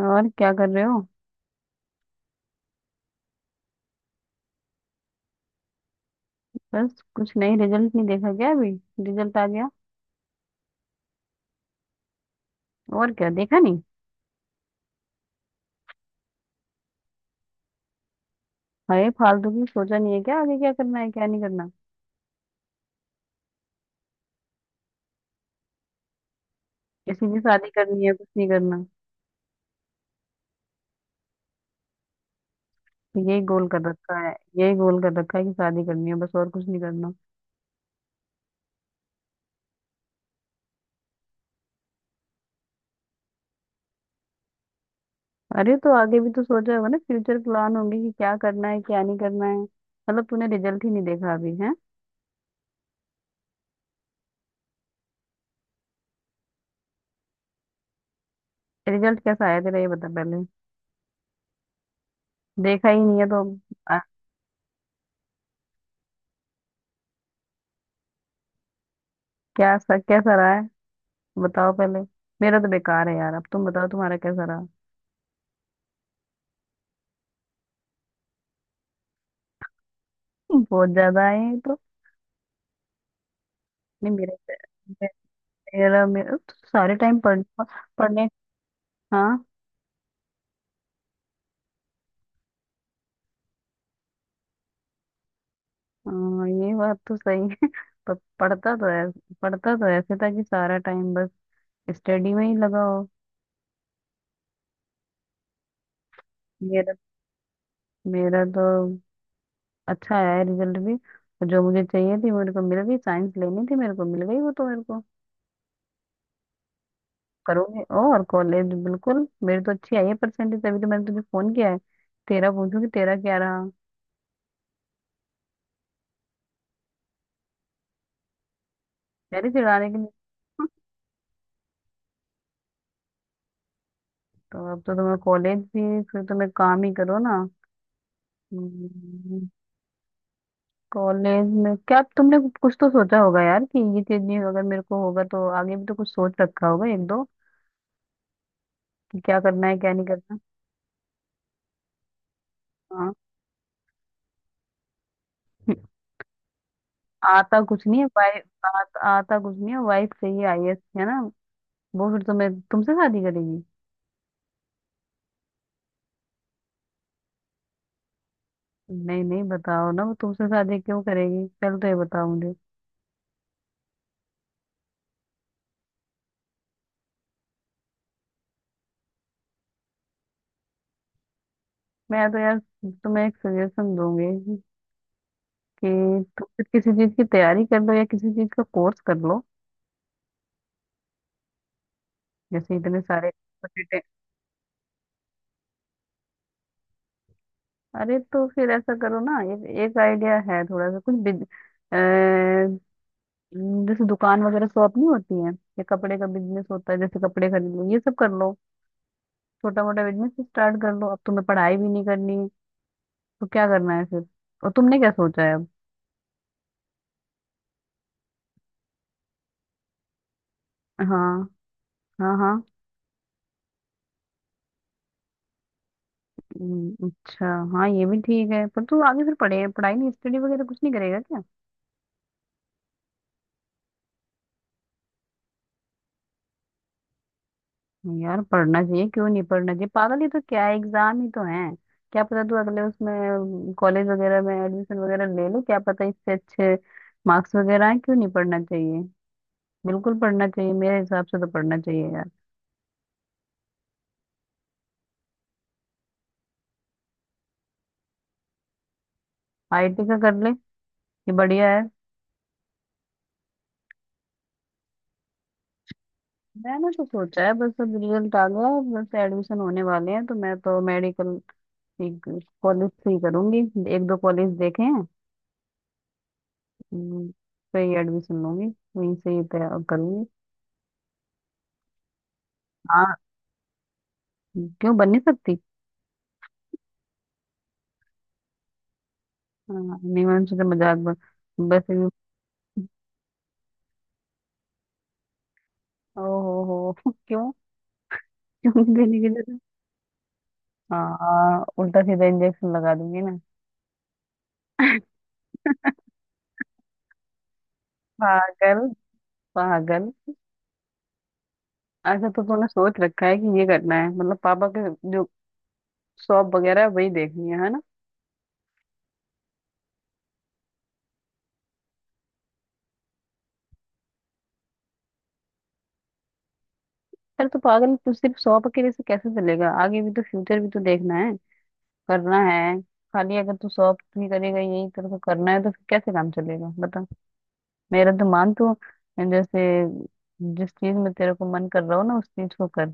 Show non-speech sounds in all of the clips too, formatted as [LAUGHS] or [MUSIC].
और क्या कर रहे हो। बस कुछ नहीं, रिजल्ट नहीं देखा क्या अभी? रिजल्ट आ गया और क्या, देखा नहीं? अरे फालतू की, सोचा नहीं है क्या आगे क्या करना है क्या नहीं करना? किसी की शादी करनी है, कुछ नहीं करना? तो यही गोल कर रखा है, यही गोल कर रखा है कि शादी करनी है बस और कुछ नहीं करना। अरे तो आगे भी तो सोचा होगा ना, फ्यूचर प्लान होंगे कि क्या करना है क्या नहीं करना है, मतलब तूने रिजल्ट ही नहीं देखा अभी है? रिजल्ट कैसा आया तेरा, ये बता पहले। देखा ही नहीं है तो। आ, क्या कैसा रहा है, बताओ पहले। मेरा तो बेकार है यार, अब तुम बताओ तुम्हारा कैसा रहा। बहुत ज्यादा आए हैं तो। नहीं मेरे, मे- मेरा मेरा तो सारे टाइम पढ़ने। हाँ। हाँ, ये बात तो सही है। [LAUGHS] पर पढ़ता तो ऐसे, पढ़ता तो ऐसे था कि सारा टाइम बस स्टडी में ही लगा हो। मेरा मेरा तो अच्छा आया रिजल्ट भी, और जो मुझे चाहिए थी मेरे को मिल गई, साइंस लेनी थी मेरे को मिल गई, वो तो मेरे को करोगे और कॉलेज बिल्कुल, मेरी तो अच्छी आई है परसेंटेज, तभी तो मैंने तुझे फोन किया है तेरा पूछूं कि तेरा क्या रहा। तेरे चिढ़ाने के लिए। तो अब तो तुम्हें कॉलेज भी, फिर तुम्हें काम ही करो ना। हम्म। कॉलेज में क्या तुमने कुछ तो सोचा होगा यार, कि ये चीज नहीं अगर मेरे को होगा तो आगे भी तो कुछ सोच रखा होगा एक दो, कि क्या करना है क्या नहीं करना। हाँ। आता कुछ नहीं है वाइफ, आता कुछ नहीं है, वाइफ चाहिए आईएएस, है ना? वो फिर तुम्हें तुमसे शादी करेगी? नहीं नहीं, बताओ ना वो तुमसे शादी क्यों करेगी, पहले तो ये बताओ मुझे। मैं तो यार तुम्हें एक सजेशन दूंगी कि तुम फिर किसी चीज की तैयारी कर लो या किसी चीज का कोर्स कर लो, जैसे इतने सारे। potato- अरे तो फिर ऐसा करो ना, एक एक आइडिया है थोड़ा सा, कुछ अ, जैसे दुकान वगैरह, शॉप नहीं होती है, या कपड़े का बिजनेस होता है, जैसे कपड़े खरीद लो ये सब कर लो, छोटा मोटा बिजनेस स्टार्ट कर लो। अब तुम्हें पढ़ाई भी नहीं करनी है तो क्या करना है फिर, और तुमने क्या सोचा है अब? हाँ। हाँ हाँ। अच्छा। हाँ ये भी ठीक है, पर तू आगे फिर पढ़े पढ़ाई नहीं, स्टडी वगैरह कुछ नहीं करेगा क्या? नहीं यार पढ़ना चाहिए, क्यों नहीं पढ़ना चाहिए पागल, ये तो क्या है, एग्जाम ही तो है। क्या पता तू अगले उसमें कॉलेज वगैरह में एडमिशन वगैरह ले ले, क्या पता इससे अच्छे मार्क्स वगैरह आए, क्यों नहीं पढ़ना चाहिए, बिल्कुल पढ़ना चाहिए, मेरे हिसाब से तो पढ़ना चाहिए यार। आईटी का कर ले, ये बढ़िया है। मैंने तो सोचा है, बस अब रिजल्ट आ गया है, बस एडमिशन होने वाले हैं, तो मैं तो मेडिकल कॉलेज से ही करूंगी। एक दो कॉलेज देखे हैं। हम्म, सही एडमिशन लूंगी, वहीं से ही तय करूंगी। हाँ। क्यों बन नहीं सकती? हाँ, नहीं मैंने सोचा मजाक बन वैसे भी। ओ हो हो। [LAUGHS] क्यों? क्यों देने की जरूरत? हाँ उल्टा सीधा इंजेक्शन लगा दूंगी ना। पागल। पागल। अच्छा तो तूने सोच रखा है कि ये करना है, मतलब पापा के जो शॉप वगैरह है वही देखनी है ना? अरे तो पागल तू सिर्फ शॉप अकेले से कैसे चलेगा, आगे भी तो फ्यूचर भी तो देखना है, करना है, खाली अगर तू शॉप ही करेगा, यही तेरे को करना है तो फिर कैसे काम चलेगा बता। मेरा तो मान तू, जैसे, जिस चीज में तेरे को मन कर रहा हो ना उस चीज को कर।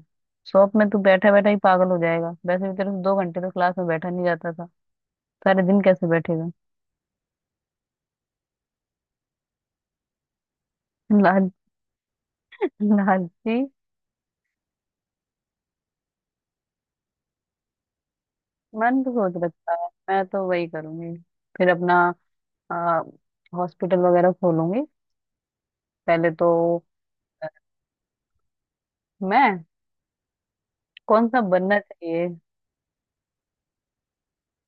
शॉप में तू बैठा बैठा ही पागल हो जाएगा, वैसे भी तेरे को दो घंटे तो क्लास में बैठा नहीं जाता था, सारे दिन कैसे बैठेगा? लाल, लालची। मन तो सोच रखता है मैं तो वही करूंगी, फिर अपना हॉस्पिटल वगैरह खोलूंगी पहले तो। मैं कौन सा बनना चाहिए?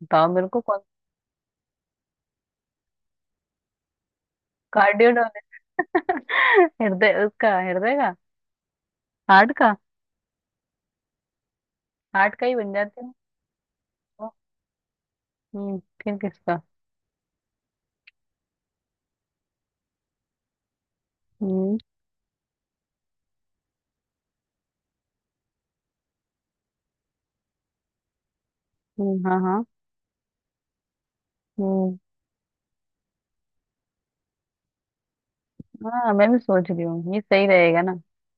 बताओ मेरे को कौन। कार्डियो, हृदय, उसका हृदय का, हार्ट का, हार्ट का ही बन जाते हैं। ओ, फिर किसका? हम्म। हाँ हाँ। हम्म। हाँ मैं भी सोच रही हूँ ये सही रहेगा ना,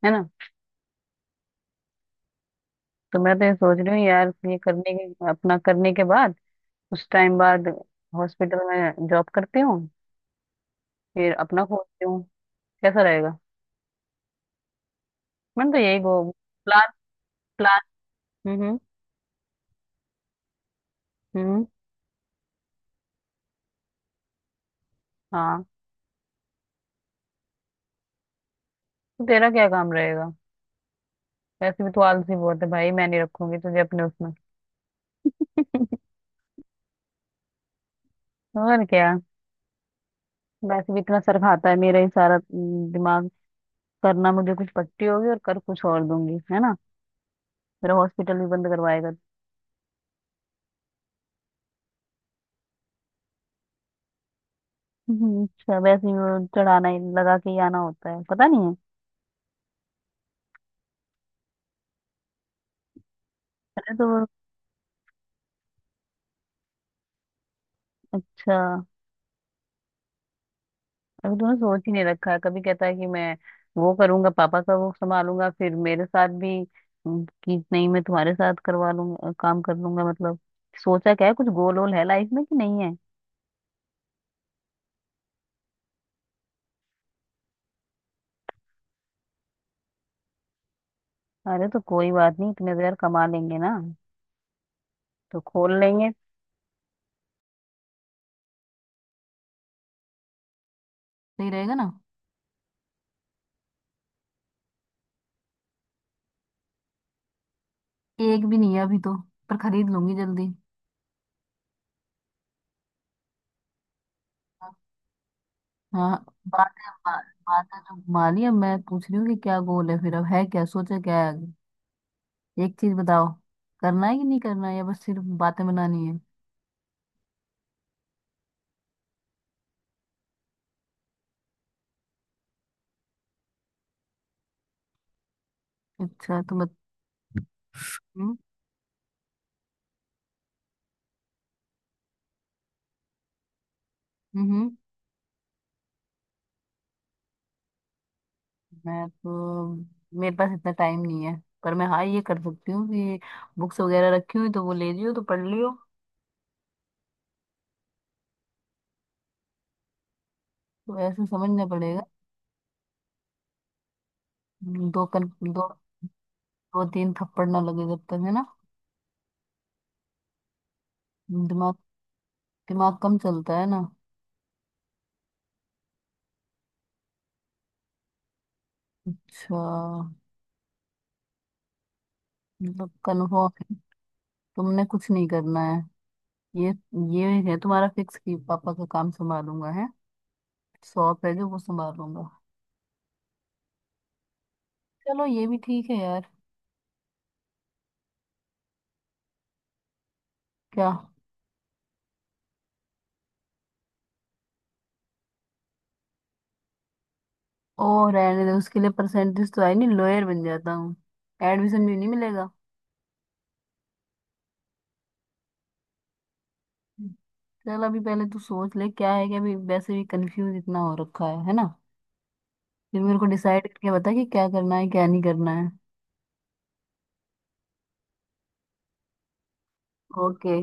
है ना। तो मैं तो ये सोच रही हूँ यार, ये करने के, अपना करने के बाद, कुछ टाइम बाद हॉस्पिटल में जॉब करती हूँ, फिर अपना खोलती हूँ। कैसा रहेगा? मैंने तो यही गो प्लान, प्लान। हम्म। हम्म, हाँ। तो तेरा क्या काम रहेगा? वैसे भी तू आलसी बहुत है भाई, मैं नहीं रखूंगी तुझे अपने उसमें। [LAUGHS] और क्या, वैसे भी इतना सर खाता है मेरा ही सारा, दिमाग करना मुझे, कुछ पट्टी होगी और कर कुछ और दूंगी, है ना? मेरा हॉस्पिटल भी बंद करवाएगा। अच्छा वैसे ही वो चढ़ाना ही लगा के ही आना होता है, पता नहीं है। अरे तो अच्छा अभी तूने सोच ही नहीं रखा है, कभी कहता है कि मैं वो करूंगा पापा का वो संभालूंगा, फिर मेरे साथ भी कि नहीं मैं तुम्हारे साथ करवा लूंगा काम कर लूंगा, मतलब सोचा क्या है, कुछ गोल वोल है लाइफ में कि नहीं है? अरे तो कोई बात नहीं, इतने देर कमा लेंगे ना तो खोल लेंगे। सही रहेगा ना। एक भी नहीं है अभी तो, पर खरीद लूंगी जल्दी। हाँ। बात है बा, बात है तो माली, अब मैं पूछ रही हूँ कि क्या गोल है फिर, अब है क्या, सोचा क्या है आगे? एक चीज बताओ, करना है कि नहीं करना है, या बस सिर्फ बातें बनानी है? अच्छा तो बत हम्म। हम्म, मैं तो, मेरे पास इतना टाइम नहीं है, पर मैं हाँ ये कर सकती हूँ कि बुक्स वगैरह रखी हुई तो वो ले लियो, तो पढ़ लियो। तो ऐसे समझना पड़ेगा। दो कन दो दो तीन थप्पड़ ना लगे जब तक, है ना? दिमाग। दिमाग कम चलता है ना। अच्छा, मतलब कन्फर्म है, तुमने कुछ नहीं करना है, ये ये है तुम्हारा फिक्स कि पापा का काम संभालूंगा, है शॉप है जो वो संभालूंगा। चलो ये भी ठीक है यार। क्या? ओ रहने दे, उसके लिए परसेंटेज तो आई नहीं लॉयर बन जाता हूँ, एडमिशन भी नहीं मिलेगा। चल अभी पहले तू सोच ले क्या है क्या, अभी वैसे भी कंफ्यूज इतना हो रखा है ना? फिर मेरे को डिसाइड करके बता कि क्या करना है क्या नहीं करना है। ओके।